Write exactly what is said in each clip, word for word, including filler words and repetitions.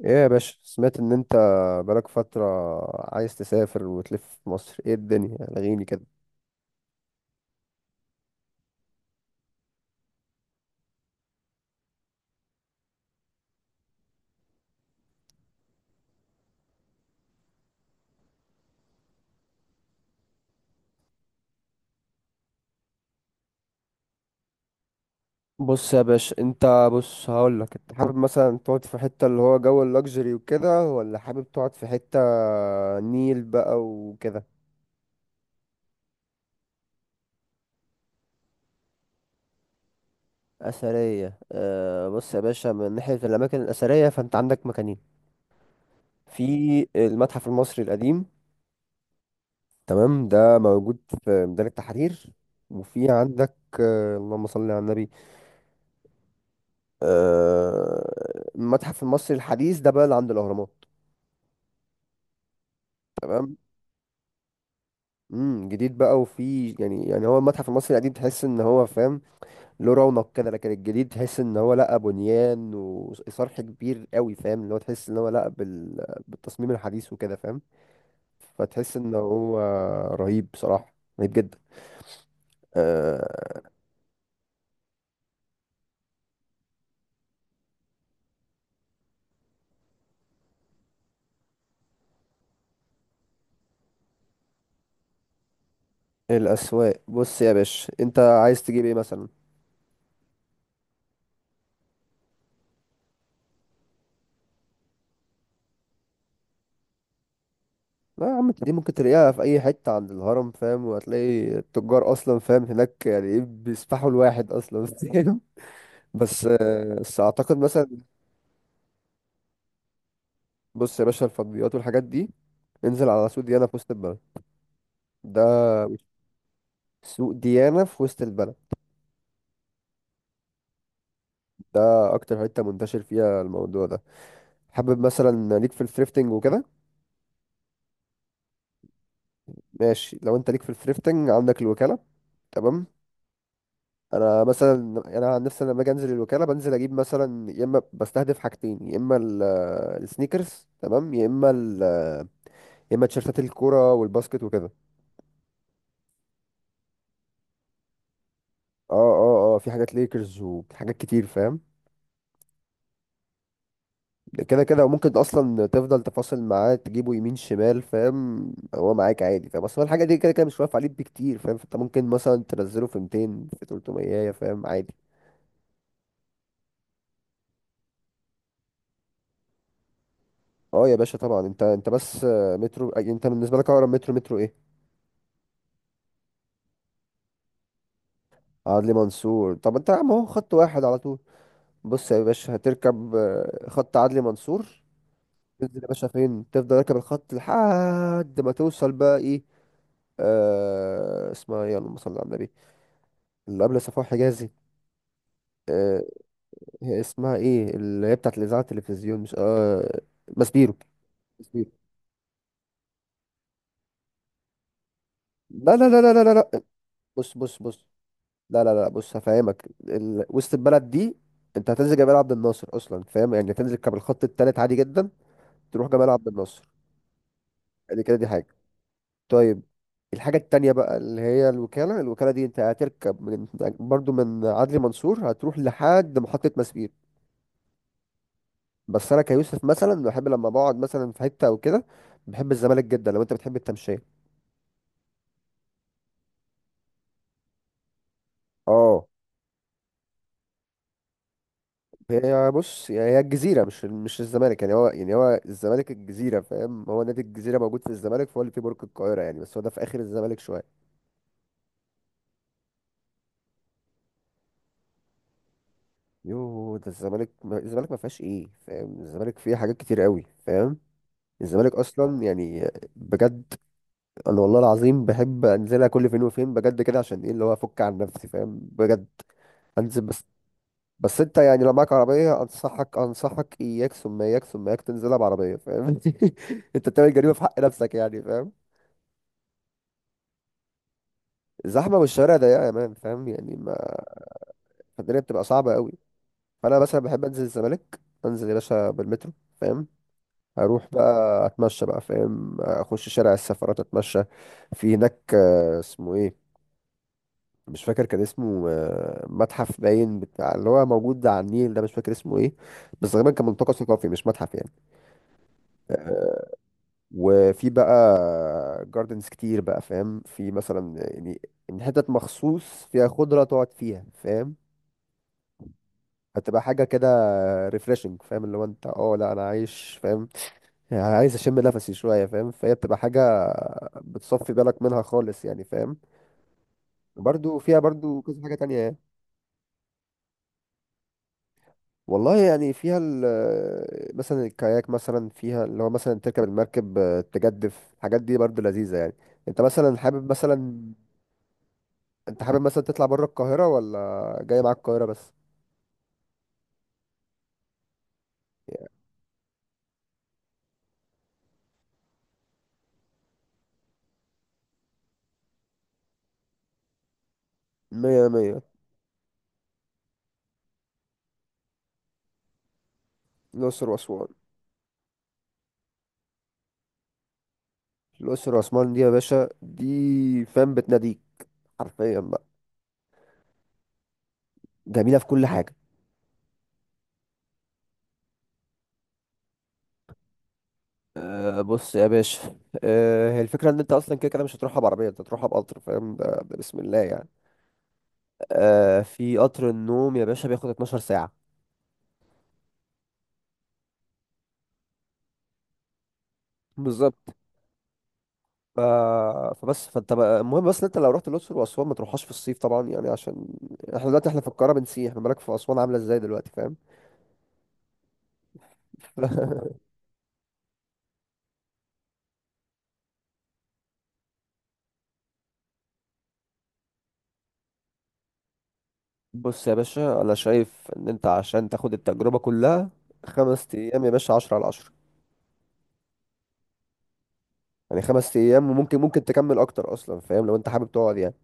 ايه يا باشا، سمعت ان انت بقالك فترة عايز تسافر وتلف في مصر، ايه الدنيا لغيني كده؟ بص يا باشا، انت بص هقولك، انت حابب مثلا تقعد في حتة اللي هو جو اللوكسجري وكده، ولا حابب تقعد في حتة نيل بقى وكده؟ أثرية، أه بص يا باشا، من ناحية الأماكن الأثرية فأنت عندك مكانين. في المتحف المصري القديم، تمام، ده موجود في ميدان التحرير. وفي عندك آه، اللهم صل على النبي، آه، المتحف المصري الحديث ده بقى اللي عند الاهرامات. امم جديد بقى، وفي يعني يعني هو المتحف المصري القديم تحس ان هو فاهم، له رونق كده. لكن الجديد تحس ان هو لا بنيان وصرح كبير قوي، فاهم؟ اللي هو تحس ان هو لا بال... بالتصميم الحديث وكده فاهم. فتحس ان هو رهيب بصراحة، رهيب جدا. آه الاسواق، بص يا باشا انت عايز تجيب ايه مثلا؟ لا يا عم انت، دي ممكن تلاقيها في اي حته عند الهرم فاهم، وهتلاقي التجار اصلا فاهم هناك، يعني ايه، بيسفحوا الواحد اصلا فاهم. بس آه، بس اعتقد مثلا، بص يا باشا، الفضليات والحاجات دي انزل على سوق ديانا في وسط البلد. ده سوق ديانا في وسط البلد، ده اكتر حته منتشر فيها الموضوع ده. حابب مثلا ليك في الثريفتنج وكده؟ ماشي، لو انت ليك في الثريفتنج عندك الوكاله، تمام. انا مثلا يعني انا عن نفسي لما باجي انزل الوكاله بنزل اجيب مثلا، يا اما بستهدف حاجتين، يا اما ال- السنيكرز تمام، يا اما ال- يا اما تيشرتات الكوره والباسكت وكده. اه اه اه، في حاجات ليكرز وحاجات كتير فاهم. كده كده، وممكن اصلا تفضل تفاصل معاه تجيبه يمين شمال فاهم، هو معاك عادي فاهم، اصلا الحاجه دي كده كده مش واقف عليه بكتير فاهم، فانت ممكن مثلا تنزله في مئتين في ثلاثمية فاهم، عادي. اه يا باشا طبعا، انت انت بس آه، مترو أي- انت بالنسبه لك اقرب مترو مترو ايه؟ عدلي منصور، طب انت يا عم اهو خط واحد على طول. بص يا باشا، هتركب آه، خط عدلي منصور. تنزل يا باشا فين؟ تفضل راكب الخط لحد ما توصل بقى ايه، آه اسمها ايه، اللهم صل على النبي، اللي قبل صفوان حجازي، آه. هي اسمها ايه اللي هي بتاعت الاذاعه التلفزيون، مش اه ماسبيرو؟ ماسبيرو. لا لا لا لا لا لا لا. بص بص بص، لا لا لا، بص هفهمك ال... وسط البلد دي انت هتنزل جبال عبد الناصر اصلا فاهم، يعني هتنزل كاب الخط التالت عادي جدا. تروح جبال عبد الناصر، دي كده دي حاجة. طيب، الحاجة التانية بقى اللي هي الوكالة، الوكالة دي انت هتركب من برضو من عدلي منصور، هتروح لحد محطة مسبير. بس انا كيوسف مثلا بحب لما بقعد مثلا في حتة او كده، بحب الزمالك جدا لو انت بتحب التمشية. اه. هي بص، يعني هي الجزيرة مش مش الزمالك، يعني هو يعني هو الزمالك الجزيرة فاهم، هو نادي الجزيرة موجود في الزمالك، فهو اللي في برج القاهرة يعني، بس هو ده في آخر الزمالك شوية. يوه ده الزمالك، الزمالك ما فيهاش ايه فاهم، الزمالك فيه حاجات كتير قوي فاهم، الزمالك اصلا يعني بجد. انا والله العظيم بحب انزلها كل فين وفين بجد كده، عشان ايه اللي هو افك عن نفسي فاهم، بجد. انزل بس، بس انت يعني لو معاك عربيه انصحك انصحك اياك ثم اياك ثم اياك تنزلها بعربيه فاهم انت بتعمل جريمه في حق نفسك يعني فاهم. الزحمه والشوارع ضيقه يا مان فاهم، يعني ما الدنيا بتبقى صعبه قوي. فانا مثلا بحب انزل الزمالك، انزل يا باشا بالمترو فاهم، اروح بقى اتمشى بقى فاهم، اخش شارع السفرات اتمشى. في هناك آه، اسمه ايه، مش فاكر كان اسمه آه، متحف باين بتاع اللي هو موجود على النيل ده، مش فاكر اسمه ايه، بس غالبا كان ملتقى ثقافي مش متحف يعني. آه، وفي بقى جاردنز كتير بقى فاهم، في مثلا يعني، إن حتت مخصوص فيها خضرة تقعد فيها فاهم. هتبقى حاجة كده ريفريشنج فاهم، اللي هو انت اه لا انا عايش فاهم، يعني عايز اشم نفسي شوية فاهم، فهي بتبقى حاجة بتصفي بالك منها خالص يعني فاهم. وبرده فيها برده كذا حاجة تانية. والله يعني فيها ال مثلا الكاياك، مثلا فيها اللي هو مثلا تركب المركب آه، تجدف، الحاجات دي برضه لذيذة يعني. انت مثلا حابب مثلا، انت حابب مثلا تطلع بره القاهرة ولا جاي معاك القاهرة بس؟ مية مية. الأقصر وأسوان، الأقصر وأسوان دي يا باشا دي فاهم بتناديك حرفيا بقى. جميلة في كل حاجة. أه بص يا باشا، أه هي الفكرة إن أنت أصلا كده كده مش هتروحها بعربية، أنت هتروحها بقطر فاهم، ده, ده بسم الله يعني. أه، في قطر النوم يا باشا بياخد اتناشر ساعة بالظبط. ف... فبس فانت بقى المهم بس إن انت لو رحت الاقصر واسوان ما تروحهاش في الصيف طبعا يعني، عشان احنا دلوقتي احنا في القاهره بنسيح، ما بالك في اسوان عامله ازاي دلوقتي فاهم بص يا باشا، انا شايف ان انت عشان تاخد التجربه كلها، خمس ايام يا باشا عشرة على عشرة. يعني خمس ايام، وممكن ممكن تكمل اكتر اصلا فاهم، لو انت حابب تقعد يعني.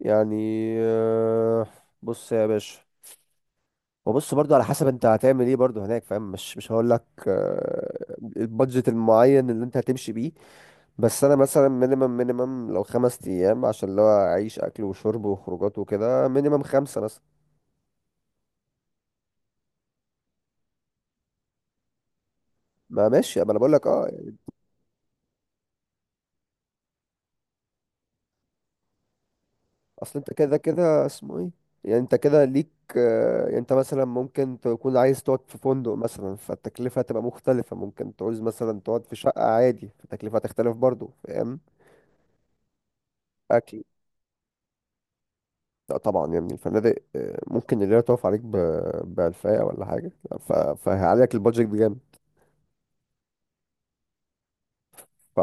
يعني آه، بص يا باشا، وبص برضو على حسب انت هتعمل ايه برضو هناك فاهم، مش مش هقول لك آه، البادجت المعين اللي انت هتمشي بيه. بس انا مثلا مينيمم مينيمم لو خمس ايام عشان اللي هو اعيش اكل وشرب وخروجات وكده، مينيمم خمسة مثلا. ما ماشي، ما انا بقول لك اه يعني. اصل انت كده كده اسمه ايه، يعني انت كده ليك، آه، يعني انت مثلا ممكن تكون عايز تقعد في فندق مثلا فالتكلفة هتبقى مختلفة، ممكن تعوز مثلا تقعد في شقة عادي فالتكلفة هتختلف برضو فاهم. اكل، لا طبعا يا ابني، الفنادق آه، ممكن الليلة تقف عليك ب ألفين ولا حاجة. ف- فهيعلي لك البادجت. ف...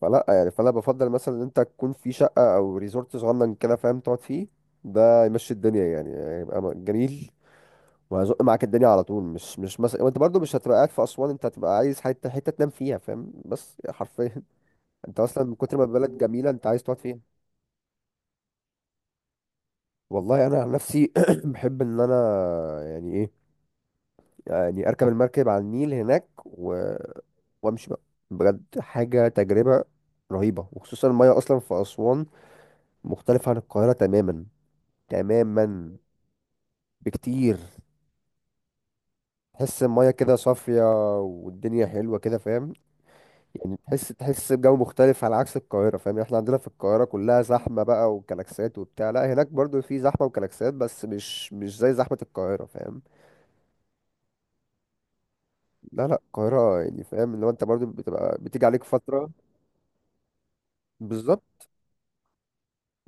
فلا يعني، فانا بفضل مثلا ان انت تكون في شقه او ريزورت صغنن كده فاهم تقعد فيه. ده يمشي الدنيا يعني، هيبقى م- جميل. وهيزق معاك الدنيا على طول، مش مش مثلا، وانت برضو مش هتبقى قاعد في اسوان، انت هتبقى عايز حته حته تنام فيها فاهم، بس حرفيا انت اصلا من كتر ما البلد جميله انت عايز تقعد فيها. والله انا عن نفسي بحب ان انا يعني ايه، يعني اركب المركب على النيل هناك و... وامشي بقى، بجد حاجه تجربه رهيبه. وخصوصا الميه اصلا في اسوان، مختلف عن القاهرة تماما. تماما، بكتير. تحس المية كده صافية، والدنيا حلوة كده فاهم. يعني تحس تحس بجو مختلف على عكس القاهرة فاهم، يعني احنا عندنا في القاهرة كلها زحمة بقى وكلاكسات وبتاع، لا هناك برضو في زحمة وكلاكسات بس مش مش زي زحمة القاهرة فاهم. لا لا، القاهرة يعني فاهم، اللي هو انت برضو بتبقى بتيجي عليك فترة. بالظبط.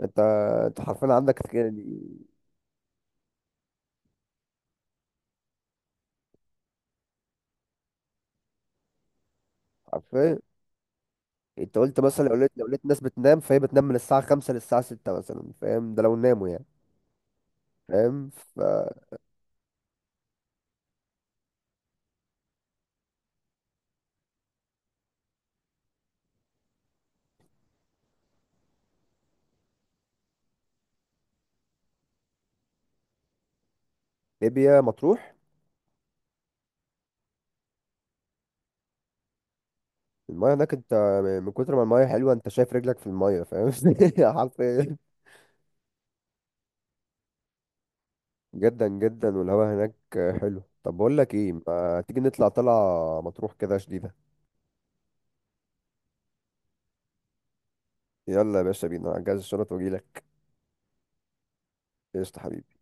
انت انت حرفيا عندك يعني. حرفيا، انت قلت مثلا، لو لقيت لو لقيت ناس بتنام فهي بتنام من الساعة خمسة للساعة ستة مثلا فاهم، ده لو ناموا يعني فاهم. فليبيا مطروح. المايه هناك انت، من كتر ما المايه حلوه انت شايف رجلك في المايه فاهم حرفيا. جدا جدا، والهواء هناك حلو. طب بقول لك ايه، ما تيجي نطلع طلعه مطروح كده شديده؟ يلا يا باشا بينا، هجهز الشنط واجيلك. قشطة حبيبي.